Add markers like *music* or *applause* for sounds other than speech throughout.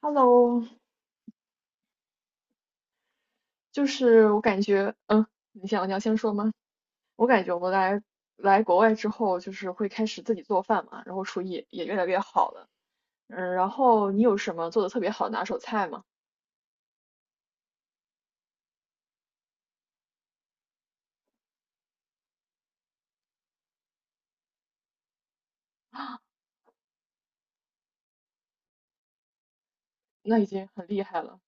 Hello,就是我感觉，你要先说吗?我感觉我来来国外之后，就是会开始自己做饭嘛，然后厨艺也越来越好了。嗯，然后你有什么做的特别好的拿手菜吗？那已经很厉害了。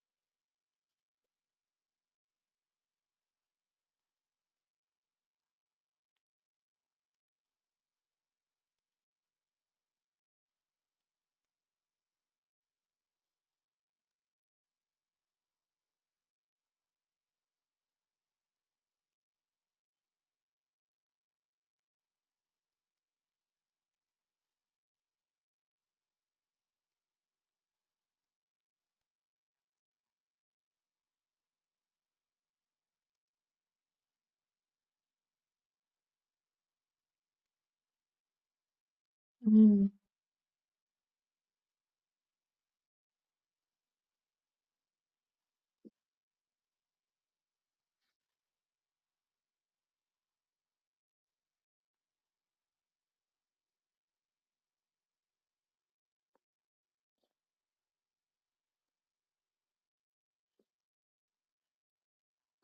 嗯。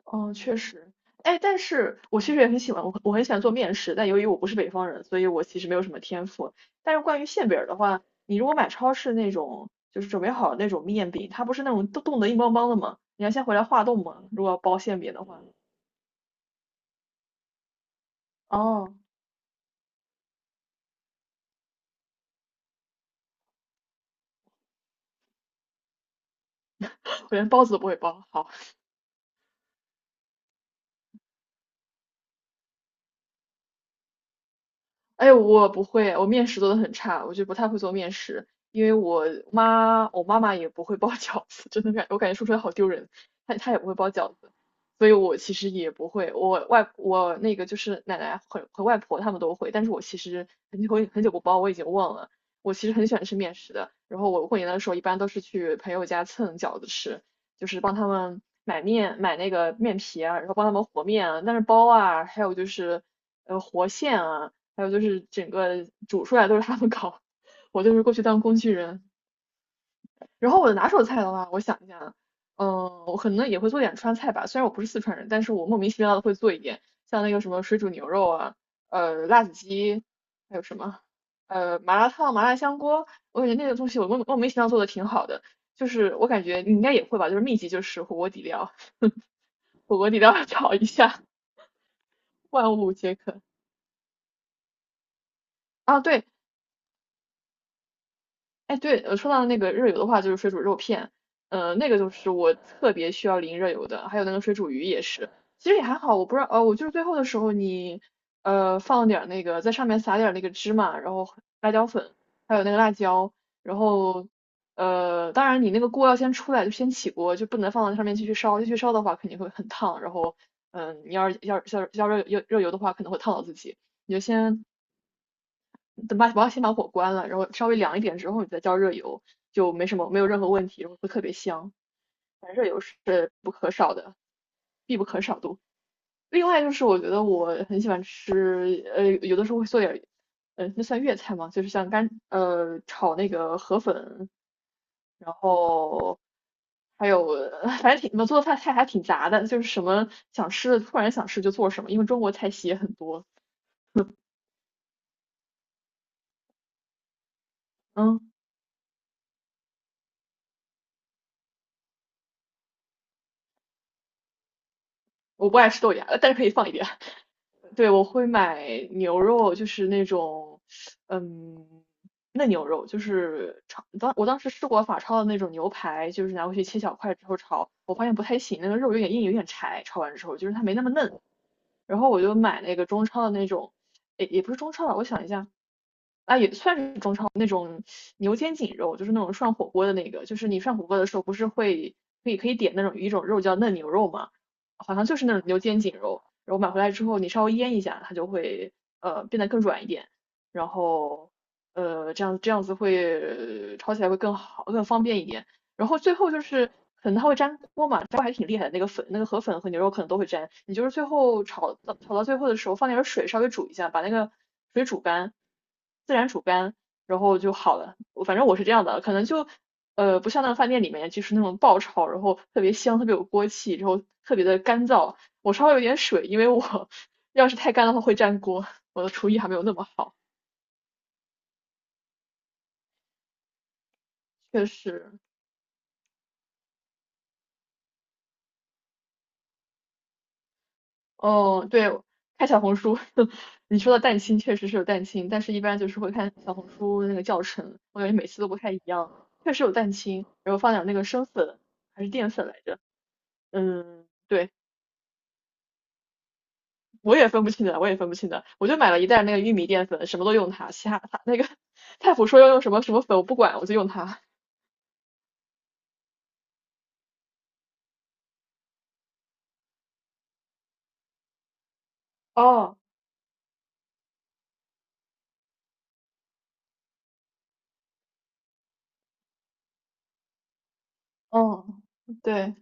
哦，确实。哎，但是我其实也很喜欢，我很喜欢做面食，但由于我不是北方人，所以我其实没有什么天赋。但是关于馅饼儿的话，你如果买超市那种就是准备好的那种面饼，它不是那种冻得硬邦邦的吗？你要先回来化冻吗？如果要包馅饼的话，哦。*laughs* 我连包子都不会包，好。哎，我不会，我面食做的很差，我就不太会做面食，因为我妈妈也不会包饺子，真的感，我感觉说出来好丢人，她也不会包饺子，所以我其实也不会，我那个就是奶奶和外婆她们都会，但是我其实很久很久不包，我已经忘了，我其实很喜欢吃面食的，然后我过年的时候一般都是去朋友家蹭饺子吃，就是帮他们买那个面皮啊，然后帮他们和面啊，但是包啊，还有就是。和馅啊，还有就是整个煮出来都是他们搞，我就是过去当工具人。然后我的拿手菜的话，我想一下，嗯，我可能也会做点川菜吧，虽然我不是四川人，但是我莫名其妙的会做一点，像那个什么水煮牛肉啊，辣子鸡，还有什么，麻辣烫、麻辣香锅，我感觉那个东西我莫名其妙做的挺好的，就是我感觉你应该也会吧，就是秘籍就是火锅底料，火锅底料炒一下，万物皆可。啊，对。哎，对，说到那个热油的话，就是水煮肉片，那个就是我特别需要淋热油的，还有那个水煮鱼也是，其实也还好，我不知道，我就是最后的时候你，放点儿那个在上面撒点儿那个芝麻，然后辣椒粉，还有那个辣椒，然后，当然你那个锅要先出来，就先起锅，就不能放到上面继续烧，继续烧的话肯定会很烫，然后，你要是要热油的话，可能会烫到自己，你就先等把我要先把火关了，然后稍微凉一点之后，你再浇热油，就没什么没有任何问题，然后会特别香。反正热油是不可少的，必不可少的。另外就是我觉得我很喜欢吃，有的时候会做点，那算粤菜嘛，就是像干，炒那个河粉，然后还有，反正挺，我做的菜还挺杂的，就是什么想吃的，突然想吃就做什么，因为中国菜系也很多。嗯，我不爱吃豆芽，呃但是可以放一点。对，我会买牛肉，就是那种，嗯，嫩牛肉，就是炒。当时试过法超的那种牛排，就是拿回去切小块之后炒，我发现不太行，那个肉有点硬，有点柴。炒完之后，就是它没那么嫩。然后我就买那个中超的那种，也不是中超吧，我想一下，啊，也算是中超。牛肩颈肉，就是那种涮火锅的那个，就是你涮火锅的时候不是会可以点那种一种肉叫嫩牛肉嘛，好像就是那种牛肩颈肉，然后买回来之后你稍微腌一下，它就会变得更软一点，然后这样子会炒起来会更好更方便一点，然后最后就是可能它会粘锅嘛，粘锅还挺厉害的，那个粉那个河粉和牛肉可能都会粘，你就是最后炒到最后的时候放点水稍微煮一下，把那个水煮干，自然煮干。然后就好了。反正我是这样的，可能就不像那个饭店里面就是那种爆炒，然后特别香，特别有锅气，然后特别的干燥。我稍微有点水，因为我要是太干的话会粘锅，我的厨艺还没有那么好。确实，哦，对，看小红书。*laughs* 你说的蛋清确实是有蛋清，但是一般就是会看小红书那个教程，我感觉每次都不太一样。确实有蛋清，然后放点那个生粉还是淀粉来着，嗯，对，我也分不清的，我就买了一袋那个玉米淀粉，什么都用它，其他它那个菜谱说要用什么什么粉，我不管，我就用它。哦，嗯，对，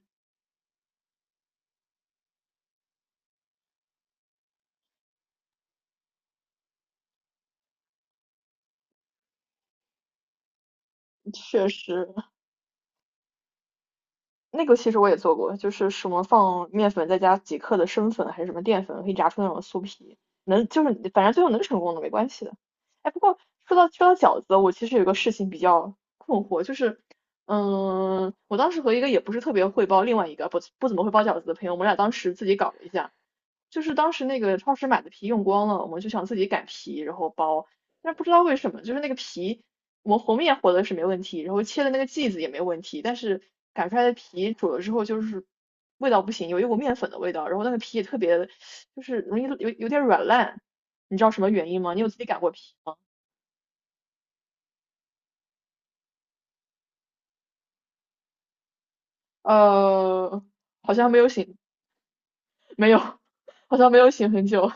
确实，那个其实我也做过，就是什么放面粉再加几克的生粉还是什么淀粉，可以炸出那种酥皮，能就是反正最后能成功的没关系的。哎，不过说到饺子，我其实有个事情比较困惑，就是嗯，我当时和一个也不是特别会包，另外一个不怎么会包饺子的朋友，我们俩当时自己搞了一下，就是当时那个超市买的皮用光了，我们就想自己擀皮然后包，但是不知道为什么，就是那个皮我们和面和的是没问题，然后切的那个剂子也没问题，但是擀出来的皮煮了之后就是味道不行，有一股面粉的味道，然后那个皮也特别就是容易有点软烂，你知道什么原因吗？你有自己擀过皮吗？呃，好像没有醒，没有，好像没有醒很久。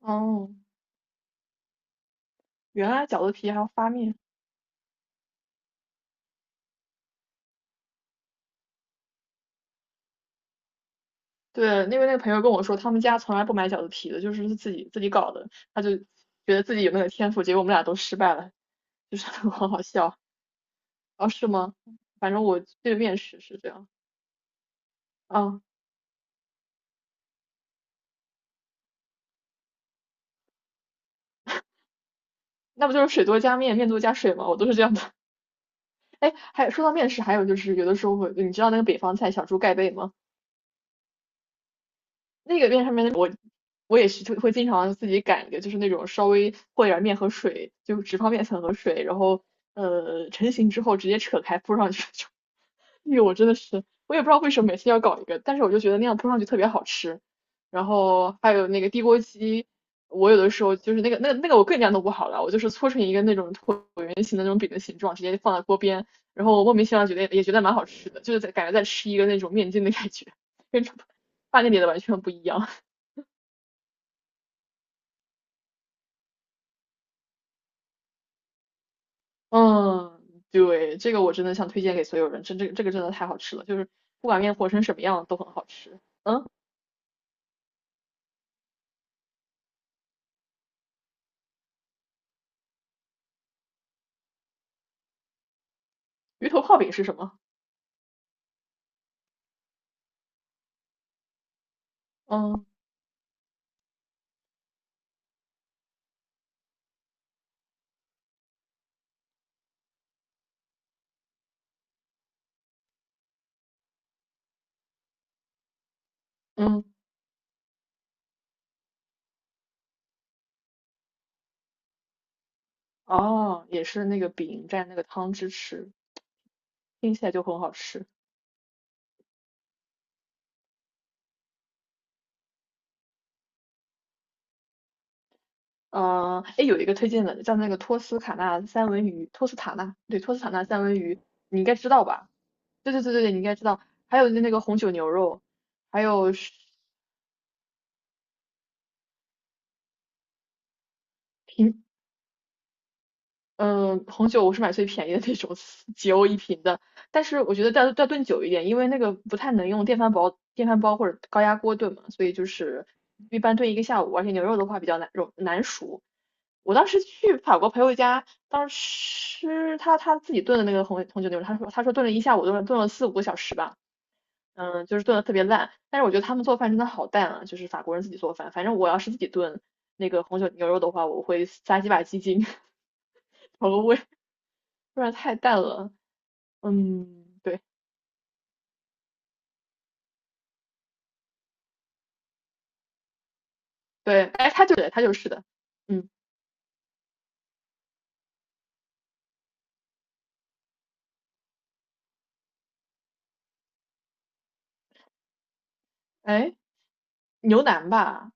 哦，原来饺子皮还要发面。对，因为那个朋友跟我说，他们家从来不买饺子皮的，就是自己搞的。他就觉得自己有那个天赋，结果我们俩都失败了，就是 *laughs* 很好笑。哦，是吗？反正我对面食是这样。啊，那不就是水多加面，面多加水吗？我都是这样的。*laughs* 哎，还说到面食，还有就是有的时候会，你知道那个北方菜小猪盖被吗？那个面上面我也是就会经常自己擀一个，就是那种稍微和一点面和水，就只放面粉和水，然后成型之后直接扯开铺上去 *laughs* 就那个我真的是，我也不知道为什么每次要搞一个，但是我就觉得那样铺上去特别好吃。然后还有那个地锅鸡，我有的时候就是那个我更加弄不好了，我就是搓成一个那种椭圆形的那种饼的形状，直接放在锅边，然后我莫名其妙觉得蛮好吃的，就是感觉在吃一个那种面筋的感觉，跟饭店里的完全不一样。*laughs* 嗯，对，这个我真的想推荐给所有人，真这个真的太好吃了，就是不管面和成什么样都很好吃。嗯，鱼头泡饼是什么？嗯嗯。哦，也是那个饼蘸那个汤汁吃，听起来就很好吃。嗯、哎，有一个推荐的叫那个托斯卡纳三文鱼，托斯塔纳，对，托斯卡纳三文鱼，你应该知道吧？对对对对，对，你应该知道。还有那个红酒牛肉，还有是瓶，嗯、红酒我是买最便宜的那种，*laughs* 几欧一瓶的。但是我觉得要炖久一点，因为那个不太能用电饭煲或者高压锅炖嘛，所以就是一般炖一个下午，而且牛肉的话比较难熟。我当时去法国朋友家，当时吃他自己炖的那个红酒牛肉，他说炖了一下午，炖了炖了四五个小时吧，嗯，就是炖的特别烂。但是我觉得他们做饭真的好淡啊，就是法国人自己做饭。反正我要是自己炖那个红酒牛肉的话，我会撒几把鸡精 *laughs*，调个味，不然太淡了。嗯，对对，哎，他就对，他就是的，嗯，哎，牛腩吧，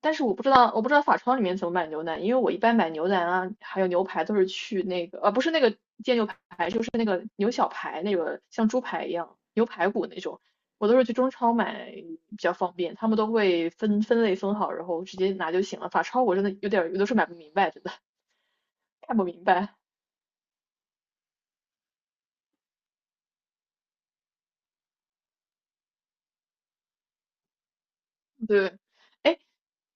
但是我不知道，我不知道法超里面怎么买牛腩，因为我一般买牛腩啊，还有牛排都是去那个，啊不是那个煎牛排，就是那个牛小排，那个像猪排一样，牛排骨那种，我都是去中超买比较方便，他们都会分类分好，然后直接拿就行了。法超我真的有的时候买不明白，真的 *laughs* 看不明白。对，哎，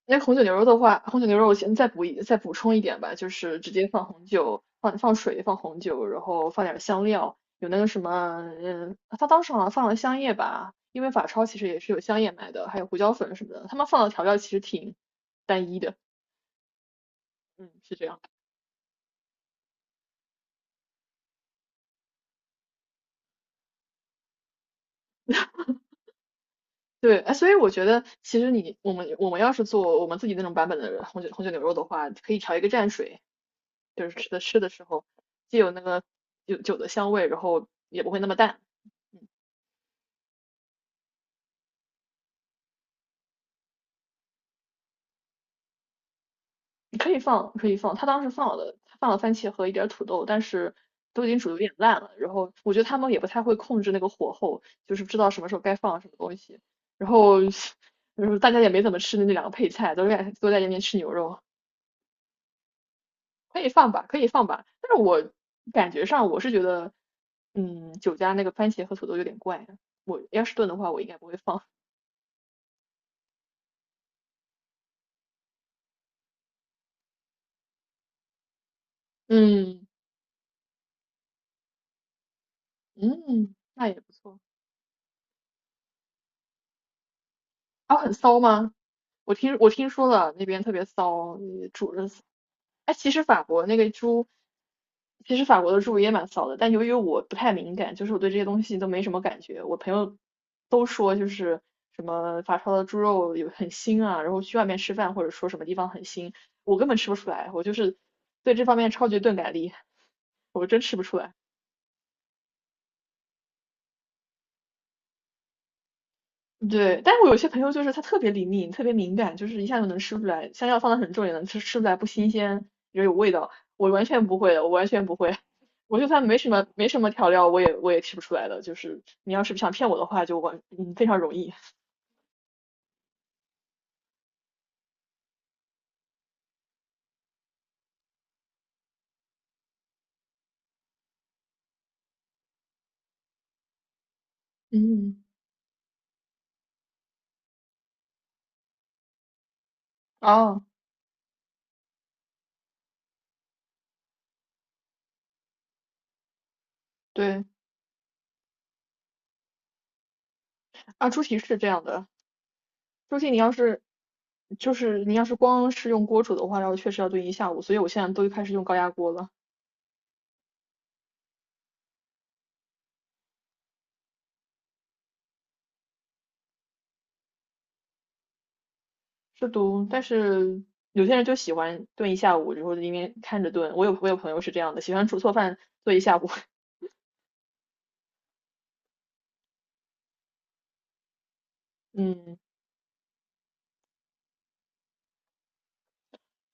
那红酒牛肉的话，红酒牛肉我先再补充一点吧，就是直接放红酒，放水，放红酒，然后放点香料，有那个什么，嗯，他当时好像放了香叶吧，因为法超其实也是有香叶买的，还有胡椒粉什么的，他们放的调料其实挺单一的，嗯，是这样。对，哎，所以我觉得其实你我们我们要是做我们自己那种版本的红酒牛肉的话，可以调一个蘸水，就是吃的时候，既有那个有酒的香味，然后也不会那么淡。嗯，你可以放，可以放。他当时放了，他放了番茄和一点儿土豆，但是都已经煮的有点烂了。然后我觉得他们也不太会控制那个火候，就是不知道什么时候该放什么东西。然后，然后大家也没怎么吃那两个配菜，都在那边吃牛肉。可以放吧，可以放吧。但是我感觉上我是觉得，嗯，酒家那个番茄和土豆有点怪啊。我要是炖的话，我应该不会放。*laughs* 嗯嗯，那也不错。啊，很骚吗？我听说了，那边特别骚，你煮着骚。哎，其实法国那个猪，其实法国的猪也蛮骚的，但由于我不太敏感，就是我对这些东西都没什么感觉。我朋友都说，就是什么法超的猪肉有很腥啊，然后去外面吃饭或者说什么地方很腥，我根本吃不出来，我就是对这方面超级钝感力，我真吃不出来。对，但是我有些朋友就是他特别灵敏，特别敏感，就是一下就能吃出来，香料放的很重也能吃出来不新鲜，也有味道。我完全不会的，我完全不会。*laughs* 我就算没什么调料，我也吃不出来的。就是你要是想骗我的话，就完，嗯，非常容易。嗯，哦，对，啊，猪蹄是这样的，猪蹄你要是就是你要是光是用锅煮的话，然后确实要炖一下午，所以我现在都开始用高压锅了。是读，但是有些人就喜欢炖一下午，然后在那边看着炖。我有朋友是这样的，喜欢煮错饭做一下午。*laughs* 嗯，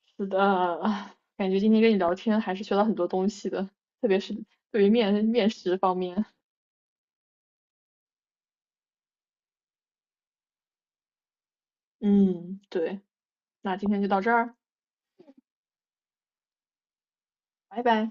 是的，感觉今天跟你聊天还是学到很多东西的，特别是对于面食方面。嗯，对，那今天就到这儿，拜拜。